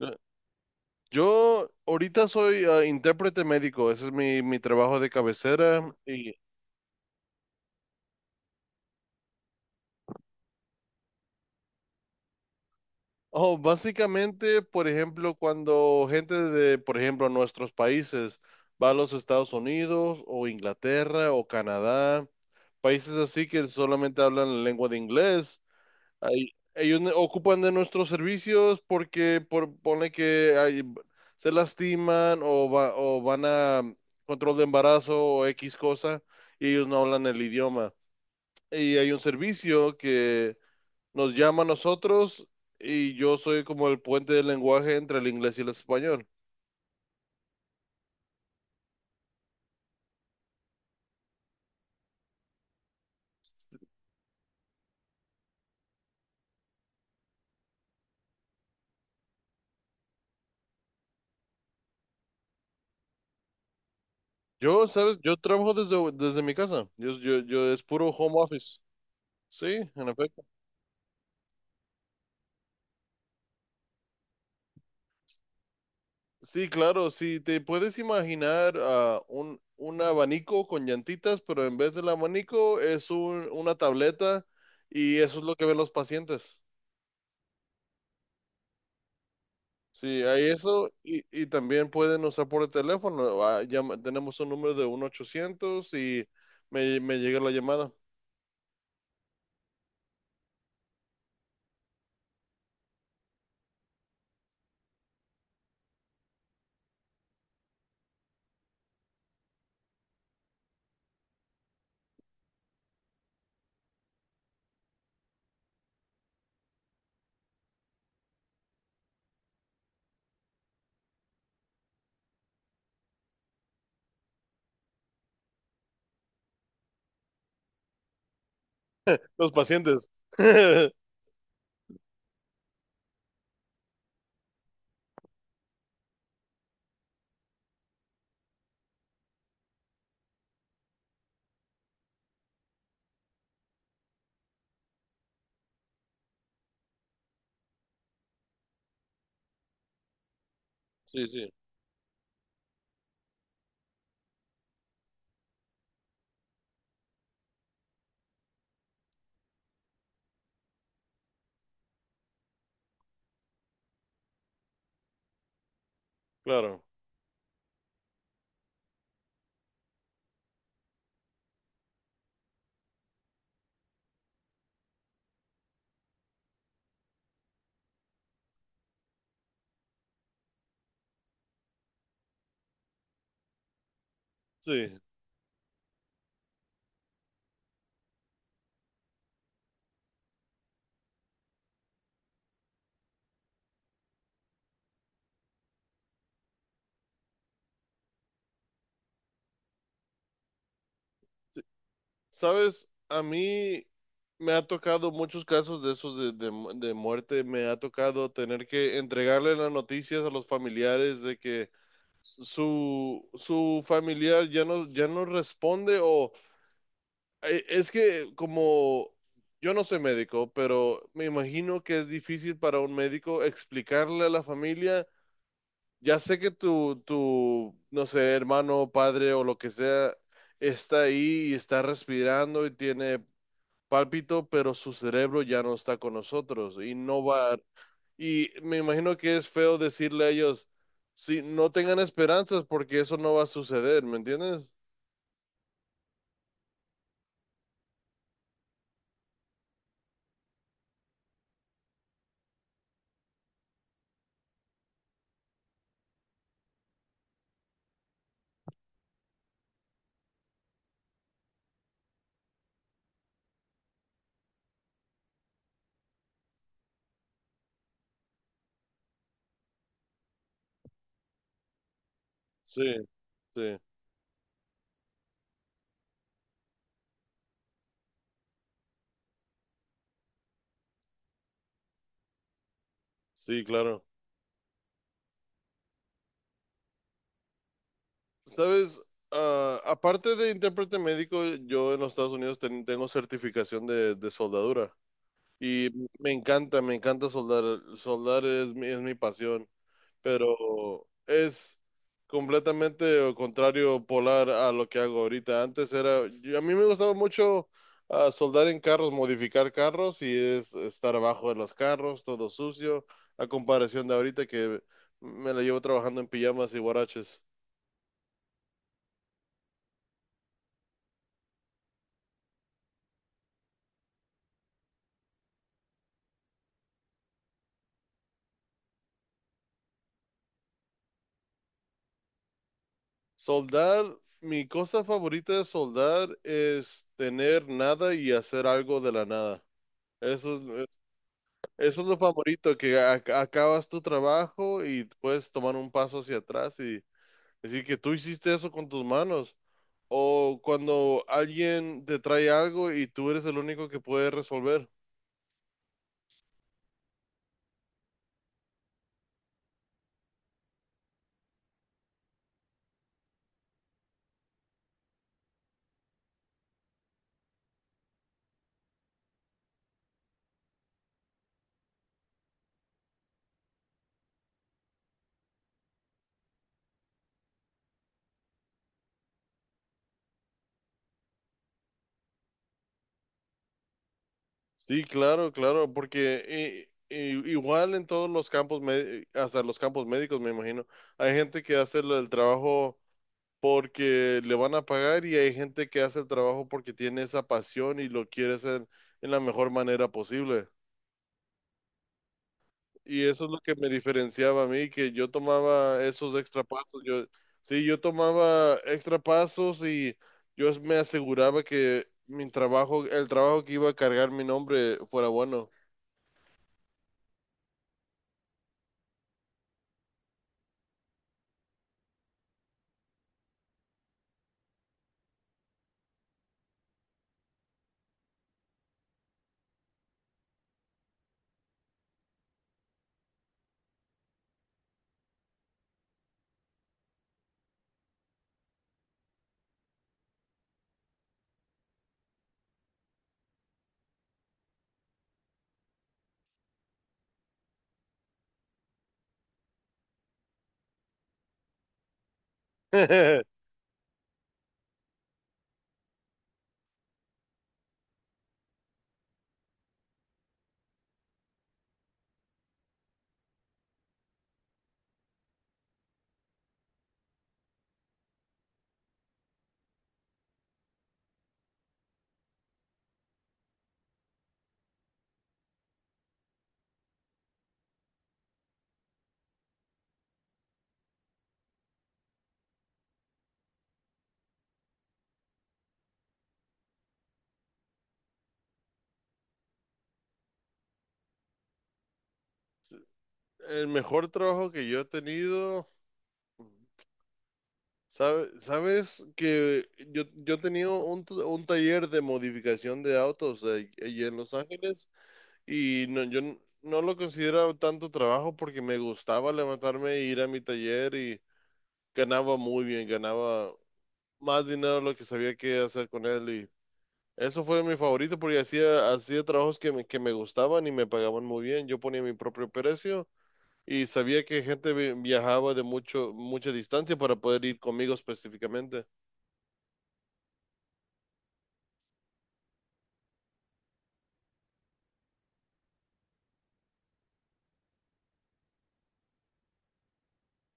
Eh, Yo ahorita soy intérprete médico, ese es mi trabajo de cabecera. Básicamente, por ejemplo, cuando gente por ejemplo, nuestros países va a los Estados Unidos o Inglaterra o Canadá, países así que solamente hablan la lengua de inglés. Ocupan de nuestros servicios porque pone que se lastiman o van a control de embarazo o X cosa y ellos no hablan el idioma. Y hay un servicio que nos llama a nosotros, y yo soy como el puente del lenguaje entre el inglés y el español. ¿Sabes? Yo trabajo desde mi casa. Yo es puro home office. Sí, en efecto. Sí, claro. Si te puedes imaginar un abanico con llantitas, pero en vez del abanico es una tableta, y eso es lo que ven los pacientes. Sí, hay eso, y también pueden usar por el teléfono. Tenemos un número de 1-800 y me llega la llamada. Los pacientes. Sí, sí, claro, sí. Sabes, a mí me ha tocado muchos casos de esos de muerte. Me ha tocado tener que entregarle las noticias a los familiares de que su familiar ya no responde, o es que como yo no soy médico, pero me imagino que es difícil para un médico explicarle a la familia, ya sé que no sé, hermano, padre o lo que sea, está ahí y está respirando y tiene pálpito, pero su cerebro ya no está con nosotros y no va. Y me imagino que es feo decirle a ellos, si no, tengan esperanzas porque eso no va a suceder, ¿me entiendes? Sí, sí, sí, claro. ¿Sabes? Ah, aparte de intérprete médico, yo en los Estados Unidos tengo certificación de soldadura, y me encanta soldar. Soldar es es mi pasión. Pero es completamente contrario polar a lo que hago ahorita. Antes era, a mí me gustaba mucho soldar en carros, modificar carros, y es estar abajo de los carros, todo sucio, a comparación de ahorita que me la llevo trabajando en pijamas y guaraches. Soldar, mi cosa favorita de soldar es tener nada y hacer algo de la nada. Eso Eso es lo favorito, que acabas tu trabajo y puedes tomar un paso hacia atrás y decir que tú hiciste eso con tus manos. O cuando alguien te trae algo y tú eres el único que puede resolver. Sí, claro, claro, porque igual en todos los campos, hasta los campos médicos, me imagino, hay gente que hace el trabajo porque le van a pagar, y hay gente que hace el trabajo porque tiene esa pasión y lo quiere hacer en la mejor manera posible. Y eso es lo que me diferenciaba a mí, que yo tomaba esos extra pasos. Yo tomaba extra pasos, y yo me aseguraba que mi trabajo, el trabajo que iba a cargar mi nombre, fuera bueno. El mejor trabajo que yo he tenido, sabes que yo he tenido un, un taller de modificación de autos allí en Los Ángeles, y no, yo no lo consideraba tanto trabajo porque me gustaba levantarme e ir a mi taller, y ganaba muy bien, ganaba más dinero de lo que sabía que hacer con él. Y eso fue mi favorito porque hacía, hacía trabajos que que me gustaban y me pagaban muy bien. Yo ponía mi propio precio y sabía que gente viajaba de mucho, mucha distancia para poder ir conmigo específicamente.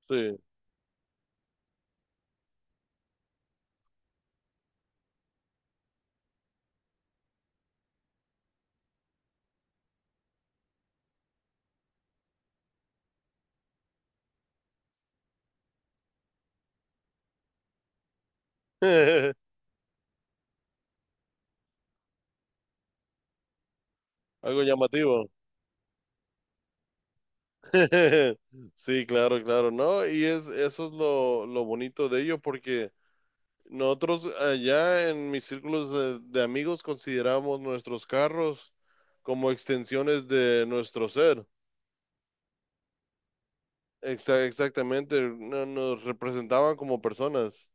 Sí, algo llamativo. Sí, claro, claro, ¿no? Y es, eso es lo bonito de ello porque... Nosotros allá en mis círculos de amigos consideramos nuestros carros como extensiones de nuestro ser. Exactamente, nos representaban como personas.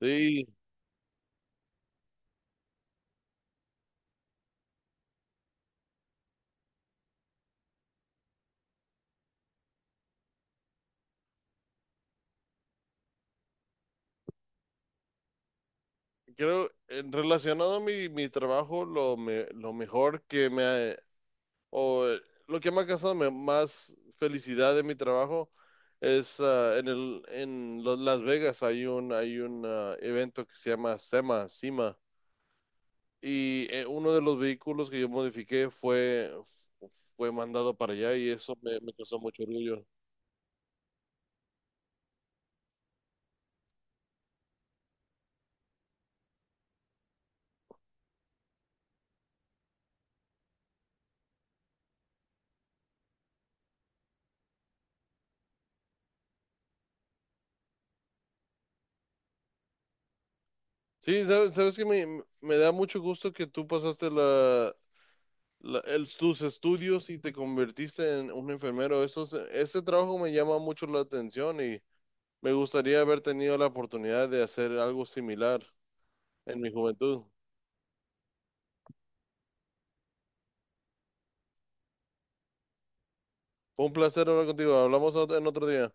Sí, creo, relacionado a mi trabajo, lo mejor que me ha, o lo que me ha causado más felicidad de mi trabajo es en Las Vegas hay hay un evento que se llama SEMA. Y uno de los vehículos que yo modifiqué fue mandado para allá, y eso me, me causó mucho orgullo. Sí, sabes, sabes que me da mucho gusto que tú pasaste tus estudios y te convertiste en un enfermero. Ese trabajo me llama mucho la atención, y me gustaría haber tenido la oportunidad de hacer algo similar en mi juventud. Fue un placer hablar contigo. Hablamos en otro día.